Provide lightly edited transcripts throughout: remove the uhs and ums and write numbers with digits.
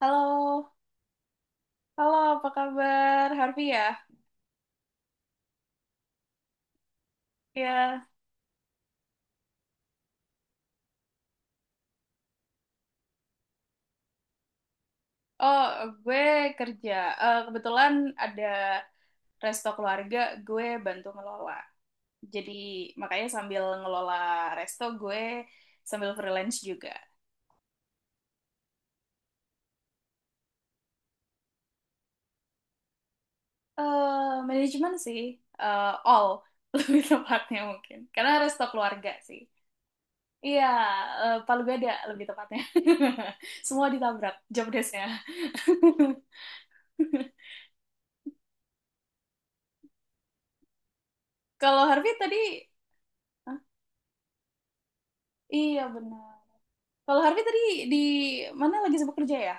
Halo, halo, apa kabar, Harvey ya? Ya, oh, gue kerja. Kebetulan ada resto keluarga, gue bantu ngelola. Jadi, makanya sambil ngelola resto, gue sambil freelance juga. eh Manajemen sih, eh, all, lebih tepatnya mungkin. Karena resto keluarga sih. Iya, Palu Gada lebih tepatnya. Semua ditabrak job desk-nya. Kalau Harvey tadi Iya benar. Kalau Harvey tadi di mana lagi sibuk kerja ya?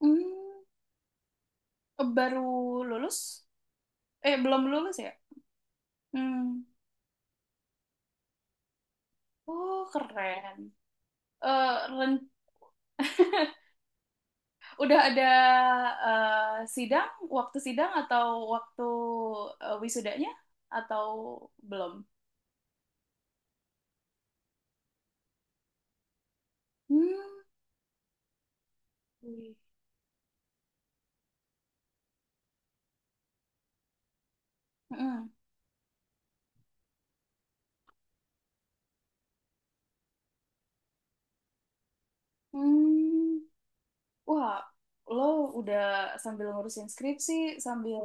Hmm, baru lulus? Belum lulus ya? Hmm. Oh keren. Eh ren- udah ada sidang, waktu sidang atau waktu wisudanya atau belum? Hmm. Wih. Mm-mm. Hmm. Wah, lo udah sambil ngurusin skripsi, sambil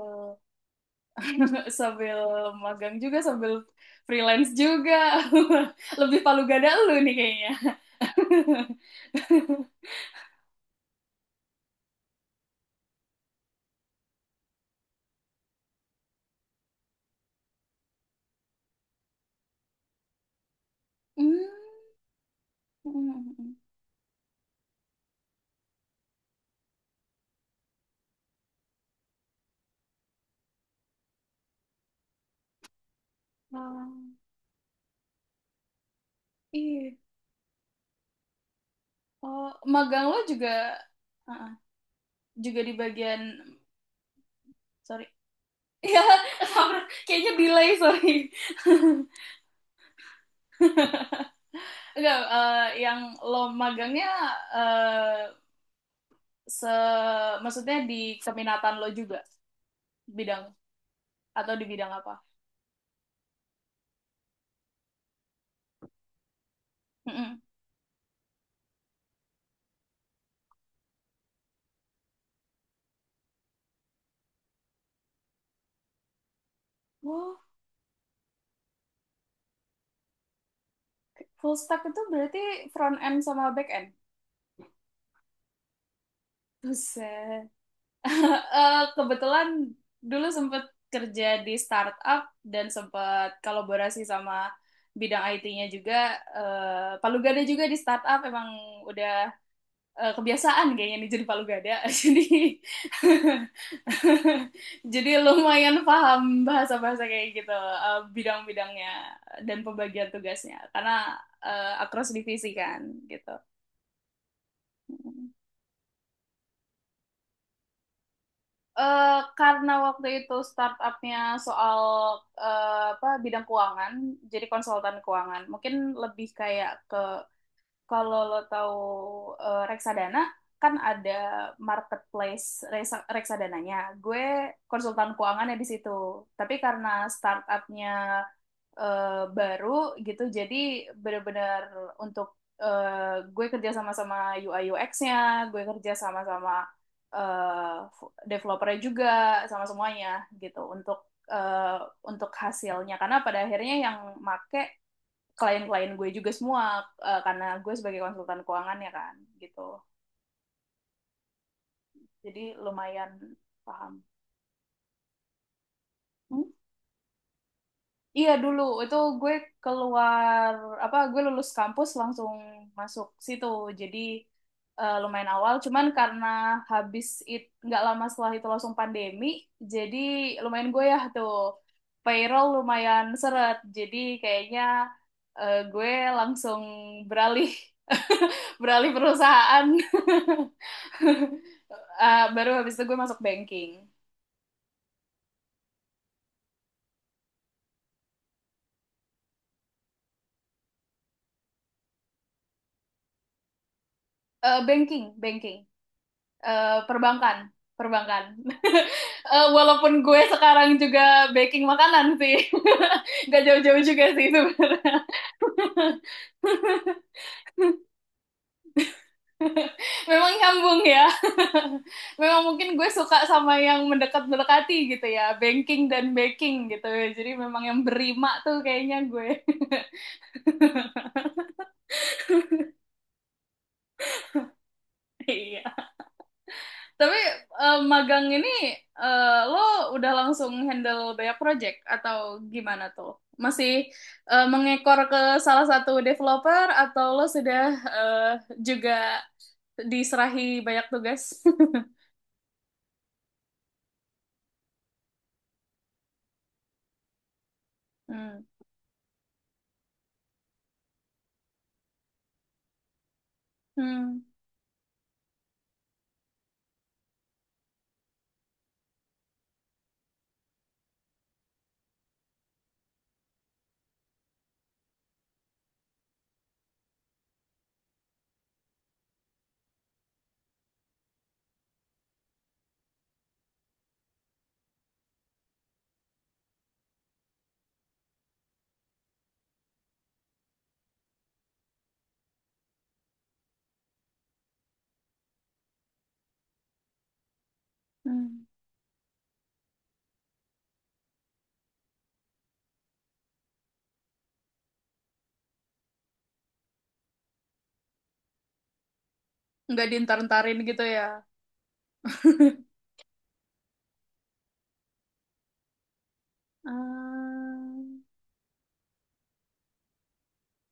sambil magang juga, sambil freelance juga. Lebih palu gada lu nih kayaknya. Hmm. Ah, iya. Oh, magang lo ah, juga di bagian sorry. Ya, kayaknya delay, sorry. Enggak, yang lo magangnya eh se maksudnya di keminatan lo juga bidang atau di bidang apa? Mm-mm. Wow. Full stack itu berarti front end sama back end. Buset. Kebetulan dulu sempat kerja di startup dan sempat kolaborasi sama bidang IT-nya juga. Palu Gada juga di startup emang udah kebiasaan kayaknya nih jadi Palu Gada. Jadi jadi lumayan paham bahasa-bahasa kayak gitu, bidang-bidangnya dan pembagian tugasnya karena across divisi kan gitu. Hmm. Karena waktu itu startupnya soal apa bidang keuangan, jadi konsultan keuangan. Mungkin lebih kayak ke kalau lo tahu reksadana kan ada marketplace reksadananya. Gue konsultan keuangannya di situ. Tapi karena startupnya baru gitu, jadi benar-benar untuk gue kerja sama-sama UI UX-nya, gue kerja sama-sama developernya juga, sama semuanya gitu eh, untuk hasilnya. Karena pada akhirnya yang make klien-klien gue juga semua karena gue sebagai konsultan keuangan ya kan gitu jadi lumayan paham. Hmm? Iya dulu itu gue keluar apa gue lulus kampus langsung masuk situ, jadi lumayan awal cuman karena habis itu nggak lama setelah itu langsung pandemi, jadi lumayan gue ya tuh payroll lumayan seret, jadi kayaknya gue langsung beralih beralih perusahaan Ah, baru habis itu gue masuk banking. Banking, banking. Perbankan, perbankan. Walaupun gue sekarang juga baking makanan sih. Gak jauh-jauh juga sih sebenarnya. Memang nyambung ya. Memang mungkin gue suka sama yang mendekat-mendekati gitu ya. Banking dan baking gitu. Jadi memang yang berima tuh kayaknya gue. Iya. Tapi magang ini, eh, lo udah langsung handle banyak project atau gimana tuh? Masih mengekor ke salah satu developer atau lo sudah eh, juga diserahi banyak tugas? Hmm. Hmm. Hmm. Nggak diintar-intarin gitu ya. Ah,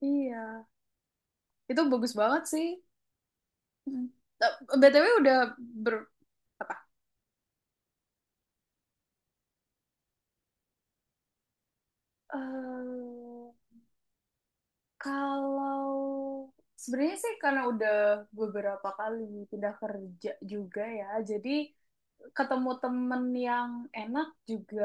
iya, itu bagus banget sih. Hmm. Eh, BTW udah ber apa? Eh, Kalau sebenarnya sih karena udah beberapa kali pindah kerja juga ya, jadi ketemu temen yang enak juga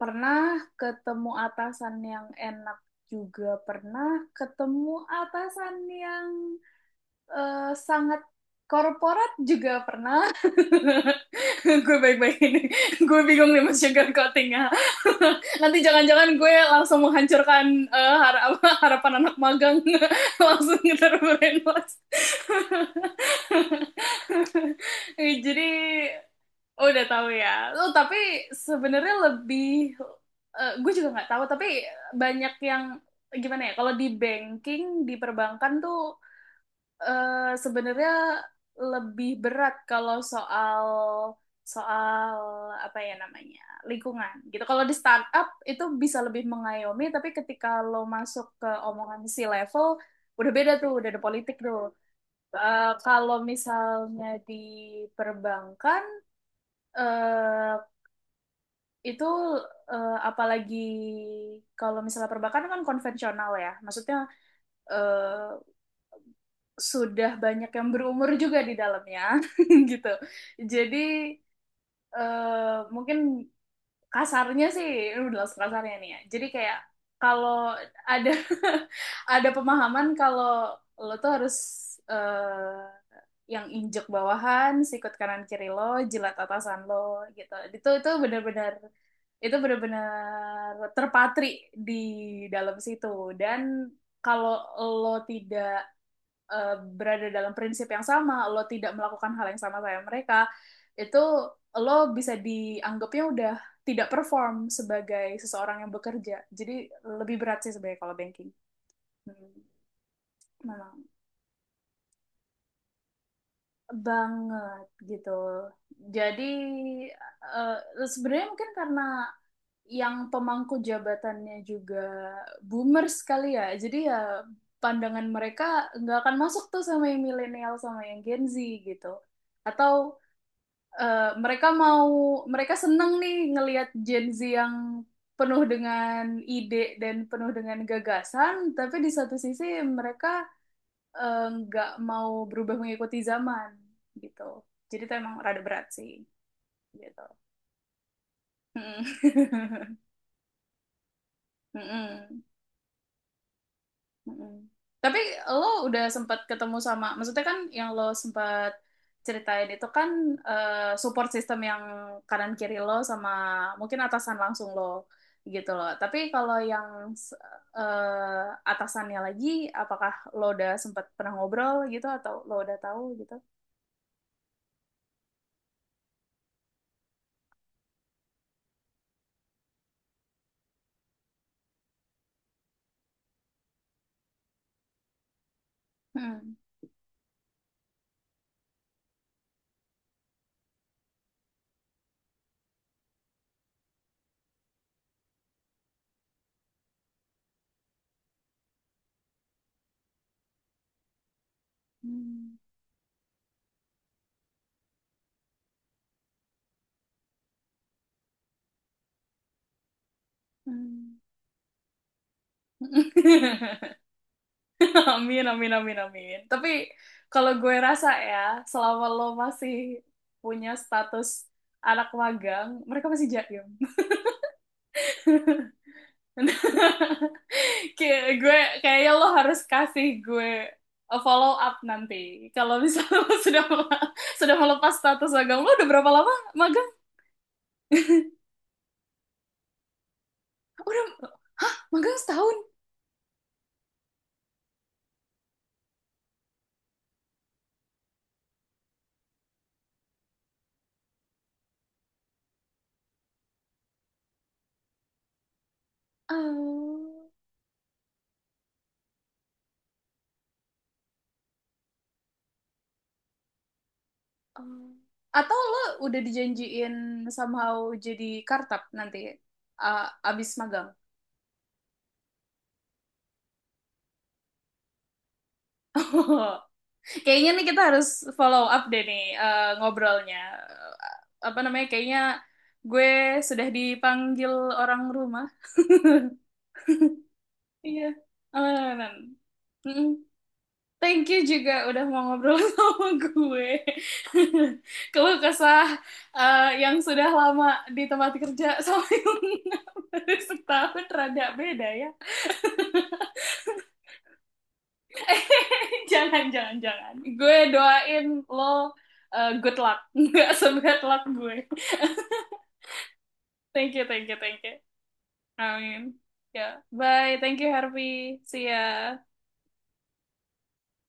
pernah, ketemu atasan yang enak juga pernah, ketemu atasan yang sangat korporat juga pernah. Gue baik-baik ini. Gue bingung nih mas sugar coatingnya. Nanti jangan-jangan gue langsung menghancurkan harapan anak magang. Langsung terbrainwash. Eh, Jadi Oh, udah tahu ya. Oh, tapi sebenarnya lebih gue juga nggak tahu tapi banyak yang gimana ya, kalau di banking, di perbankan tuh sebenarnya lebih berat kalau soal soal apa ya namanya lingkungan gitu. Kalau di startup itu bisa lebih mengayomi, tapi ketika lo masuk ke omongan si level udah beda tuh, udah ada politik tuh. Kalau misalnya di perbankan eh itu, apalagi kalau misalnya perbankan kan konvensional ya, maksudnya eh, sudah banyak yang berumur juga di dalamnya gitu. Jadi mungkin kasarnya sih, ini udah langsung kasarnya nih ya. Jadi kayak kalau ada ada pemahaman kalau lo tuh harus eh, yang injek bawahan, sikut kanan kiri lo, jilat atasan lo gitu. Itu benar-benar terpatri di dalam situ, dan kalau lo tidak eh, berada dalam prinsip yang sama, lo tidak melakukan hal yang sama kayak mereka, itu lo bisa dianggapnya udah tidak perform sebagai seseorang yang bekerja. Jadi lebih berat sih sebenarnya kalau banking. Hmm, memang banget gitu. Jadi eh, sebenarnya mungkin karena yang pemangku jabatannya juga boomers kali ya. Jadi ya pandangan mereka nggak akan masuk tuh sama yang milenial sama yang Gen Z gitu. Atau mereka mau mereka seneng nih ngelihat Gen Z yang penuh dengan ide dan penuh dengan gagasan, tapi di satu sisi mereka nggak mau berubah mengikuti zaman gitu. Jadi itu emang rada berat sih gitu. Mm-mm. Mm-mm. Mm-mm. Tapi lo udah sempat ketemu sama, maksudnya kan yang lo sempat ceritain itu kan support system yang kanan kiri lo sama mungkin atasan langsung lo gitu loh. Tapi kalau yang s- eh, atasannya lagi, apakah lo udah sempat pernah ngobrol gitu atau lo udah tahu gitu? Hmm. Hmm. Hmm. Amin, amin, amin, amin. Tapi kalau gue rasa ya, selama lo masih punya status anak magang, mereka masih jaim. Kayak gue, kayaknya lo harus kasih gue a follow up nanti. Kalau misalnya lo sudah sudah melepas status magang, lo udah berapa lama magang? Udah, hah, magang setahun? Eh, eh. Atau lo udah dijanjiin somehow jadi kartap nanti abis magang? Kayaknya nih kita harus follow up deh nih ngobrolnya. Eh, Apa namanya? Kayaknya gue sudah dipanggil orang rumah. Iya. Amanan. Mm-mm. Thank you juga udah mau ngobrol sama gue. Keluh kesah yang sudah lama di tempat kerja sama yang baru setahun rada beda ya. Jangan, jangan, jangan. Gue doain lo good luck. Nggak sebad luck gue. Thank you, thank you, thank you. Amin. Ya, bye. Thank you, Harvey. See ya.